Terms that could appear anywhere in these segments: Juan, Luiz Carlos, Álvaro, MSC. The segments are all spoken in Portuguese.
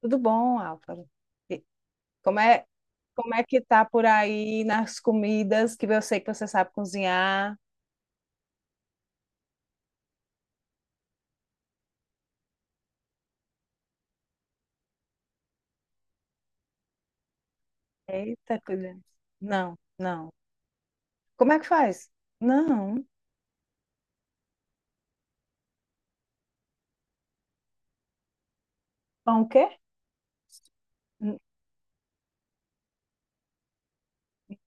Tudo bom, Álvaro? E Como é, como é que tá por aí nas comidas que eu sei que você sabe cozinhar? Eita, coisa. Não, não. Como é que faz? Não. Pão o quê?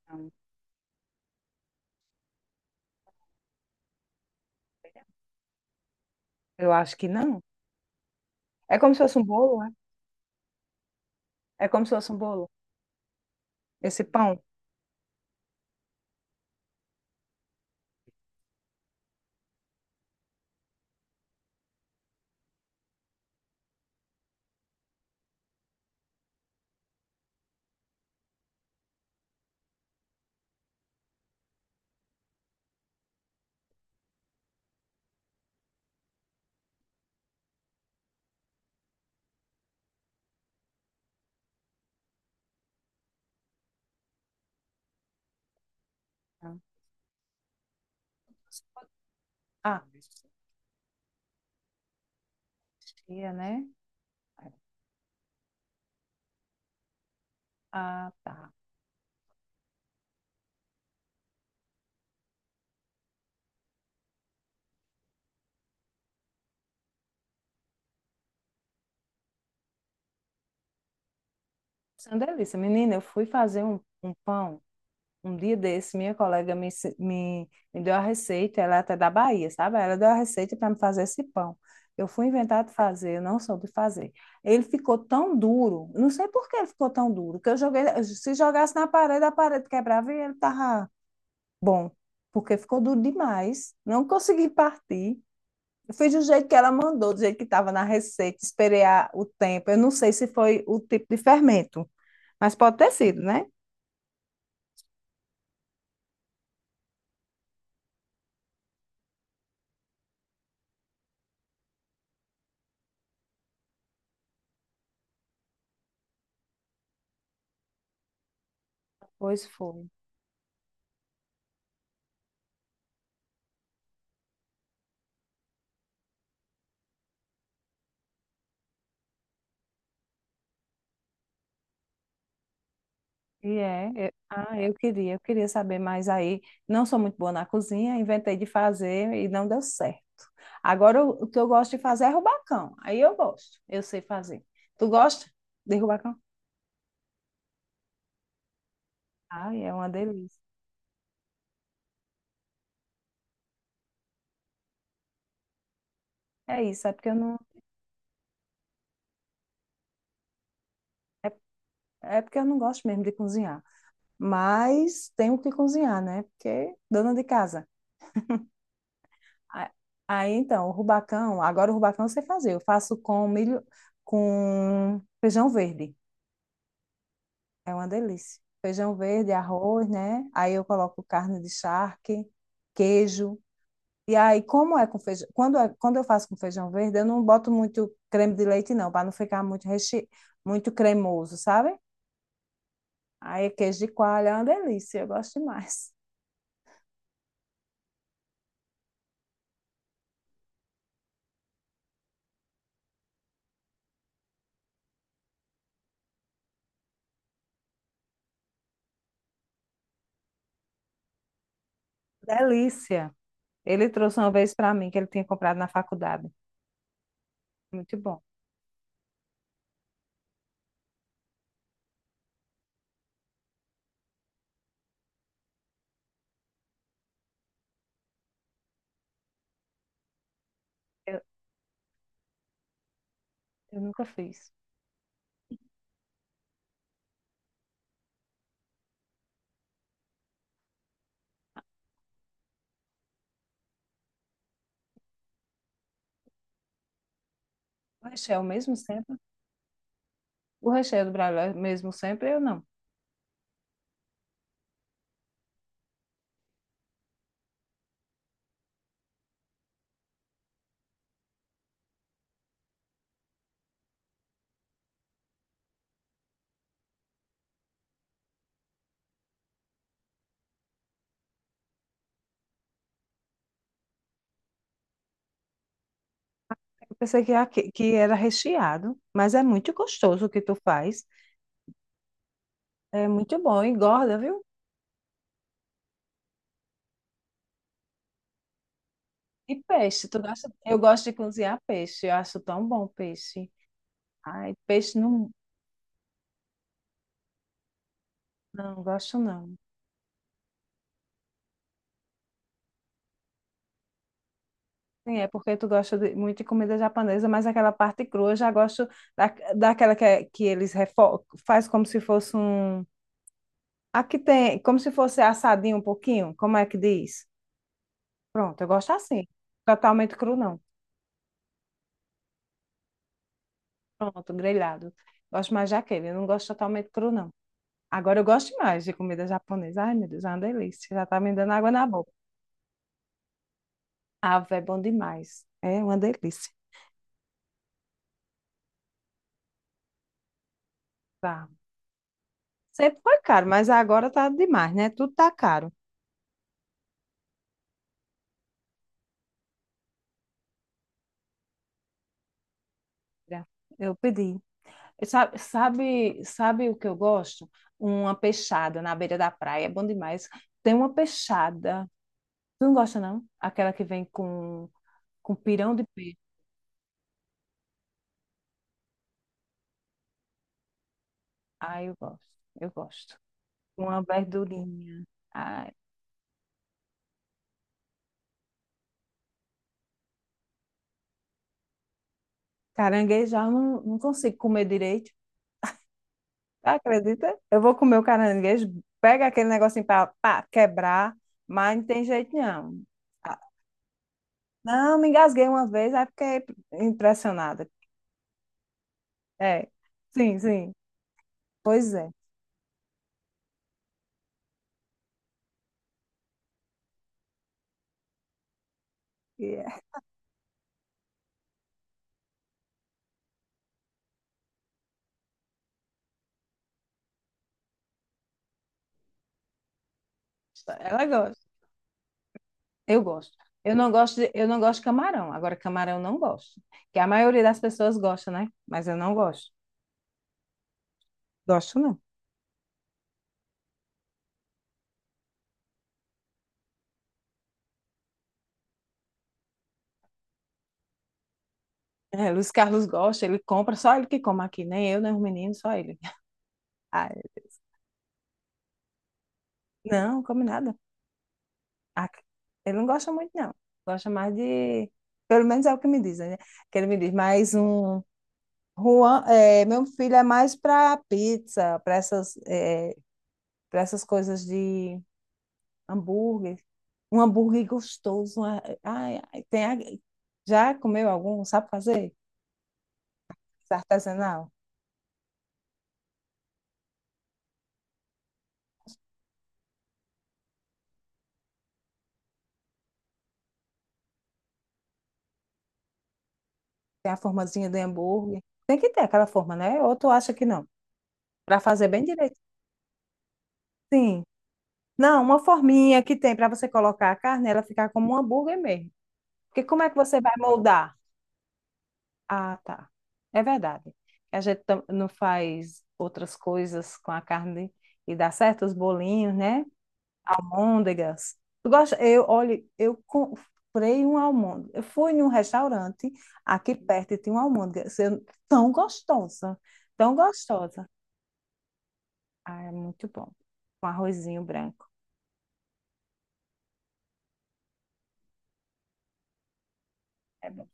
Não. Eu acho que não. É como se fosse um bolo, é? É como se fosse um bolo. Esse pão. Não. Ah, tia, né? Ah, tá. Isso é uma delícia. Menina, eu fui fazer um pão. Um dia desse, minha colega me deu a receita, ela é até da Bahia, sabe? Ela deu a receita para me fazer esse pão. Eu fui inventar de fazer, eu não soube fazer. Ele ficou tão duro, não sei por que ele ficou tão duro, que eu joguei, se jogasse na parede, a parede quebrava e ele tava bom, porque ficou duro demais, não consegui partir. Eu fiz do jeito que ela mandou, do jeito que estava na receita, esperei o tempo. Eu não sei se foi o tipo de fermento, mas pode ter sido, né? Pois foi. E é, eu queria saber, mas aí não sou muito boa na cozinha, inventei de fazer e não deu certo. O que eu gosto de fazer é rubacão. Aí eu gosto, eu sei fazer. Tu gosta de rubacão? Ai, é uma delícia. É isso, é porque eu não, é porque eu não gosto mesmo de cozinhar. Mas tenho que cozinhar, né? Porque dona de casa. A- Aí então, o rubacão, agora o rubacão eu sei fazer. Eu faço com milho, com feijão verde. É uma delícia. Feijão verde, arroz, né? Aí eu coloco carne de charque, queijo. E aí, como é com feijão? Quando eu faço com feijão verde, eu não boto muito creme de leite, não, para não ficar muito, muito cremoso, sabe? Aí, é queijo de coalho é uma delícia, eu gosto demais. Delícia. Ele trouxe uma vez para mim, que ele tinha comprado na faculdade. Muito bom. Eu, eu nunca fiz. O recheio é o mesmo sempre? O recheio do Brasil é o mesmo sempre, eu não. Pensei que era recheado, mas é muito gostoso o que tu faz. É muito bom, engorda, viu? E peixe, tu gosta? Eu gosto de cozinhar peixe, eu acho tão bom peixe. Ai, peixe não, não gosto não. Sim, é porque tu gosta muito de comida japonesa, mas aquela parte crua eu já gosto da, daquela que eles refo faz como se fosse um... Aqui tem, como se fosse assadinho um pouquinho, como é que diz? Pronto, eu gosto assim, totalmente cru não. Pronto, grelhado. Gosto mais daquele, eu não gosto totalmente cru, não. Agora eu gosto mais de comida japonesa. Ai, meu Deus, é uma delícia. Já tá me dando água na boca. Ah, é bom demais. É uma delícia. Tá. Sempre foi caro, mas agora tá demais, né? Tudo tá caro. Olha, eu pedi. Sabe o que eu gosto? Uma peixada na beira da praia. É bom demais. Tem uma peixada. Tu não gosta, não? Aquela que vem com pirão de peixe. Ah, eu gosto. Eu gosto. Uma verdurinha. Ai, caranguejo já não, não consigo comer direito. Acredita? Eu vou comer o caranguejo, pega aquele negocinho para quebrar, mas não tem jeito não. Ah, não, me engasguei uma vez, aí fiquei impressionada. É, sim, sim. Pois é. E é. Ela gosta. Eu gosto. Eu não gosto de camarão. Agora, camarão eu não gosto. Que a maioria das pessoas gosta, né? Mas eu não gosto. Gosto não. É, Luiz Carlos gosta, ele compra, só ele que come aqui, nem eu, nem os meninos, só ele. Ah, não, come nada. Ah, ele não gosta muito, não. Gosta mais de. Pelo menos é o que me dizem, né? Que ele me diz, mais um. Juan, é, meu filho é mais para pizza, para essas, é, para essas coisas de hambúrguer. Um hambúrguer gostoso. Ai, ai, já comeu algum? Sabe fazer? Artesanal? Tem a formazinha de hambúrguer. Tem que ter aquela forma, né? Ou tu acha que não? Para fazer bem direito. Sim. Não, uma forminha que tem para você colocar a carne, ela ficar como um hambúrguer mesmo. Porque como é que você vai moldar? Ah, tá. É verdade. Não faz outras coisas com a carne e dá certo os bolinhos, né? Almôndegas. Tu gosta? Eu, olha, eu comprei um almôndega. Eu fui num restaurante aqui perto e tinha uma almôndega assim, tão gostosa. Ah, é muito bom. Com arrozinho branco. É bom.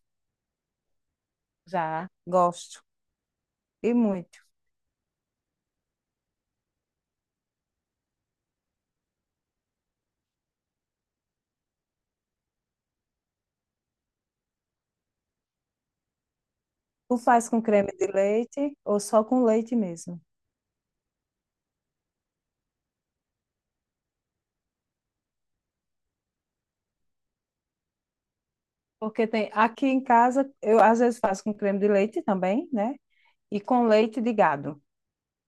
Já gosto. E muito. Tu faz com creme de leite ou só com leite mesmo? Porque tem aqui em casa, eu às vezes faço com creme de leite também, né? E com leite de gado,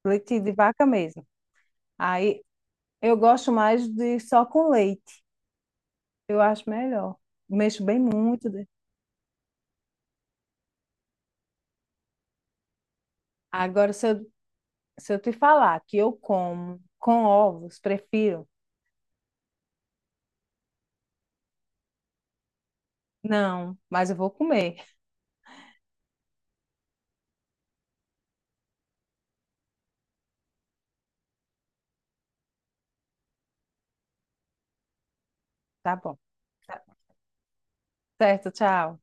leite de vaca mesmo. Aí eu gosto mais de só com leite, eu acho melhor. Mexo bem muito. Agora, se eu te falar que eu como com ovos, prefiro, não, mas eu vou comer. Tá bom. Tá, certo, tchau.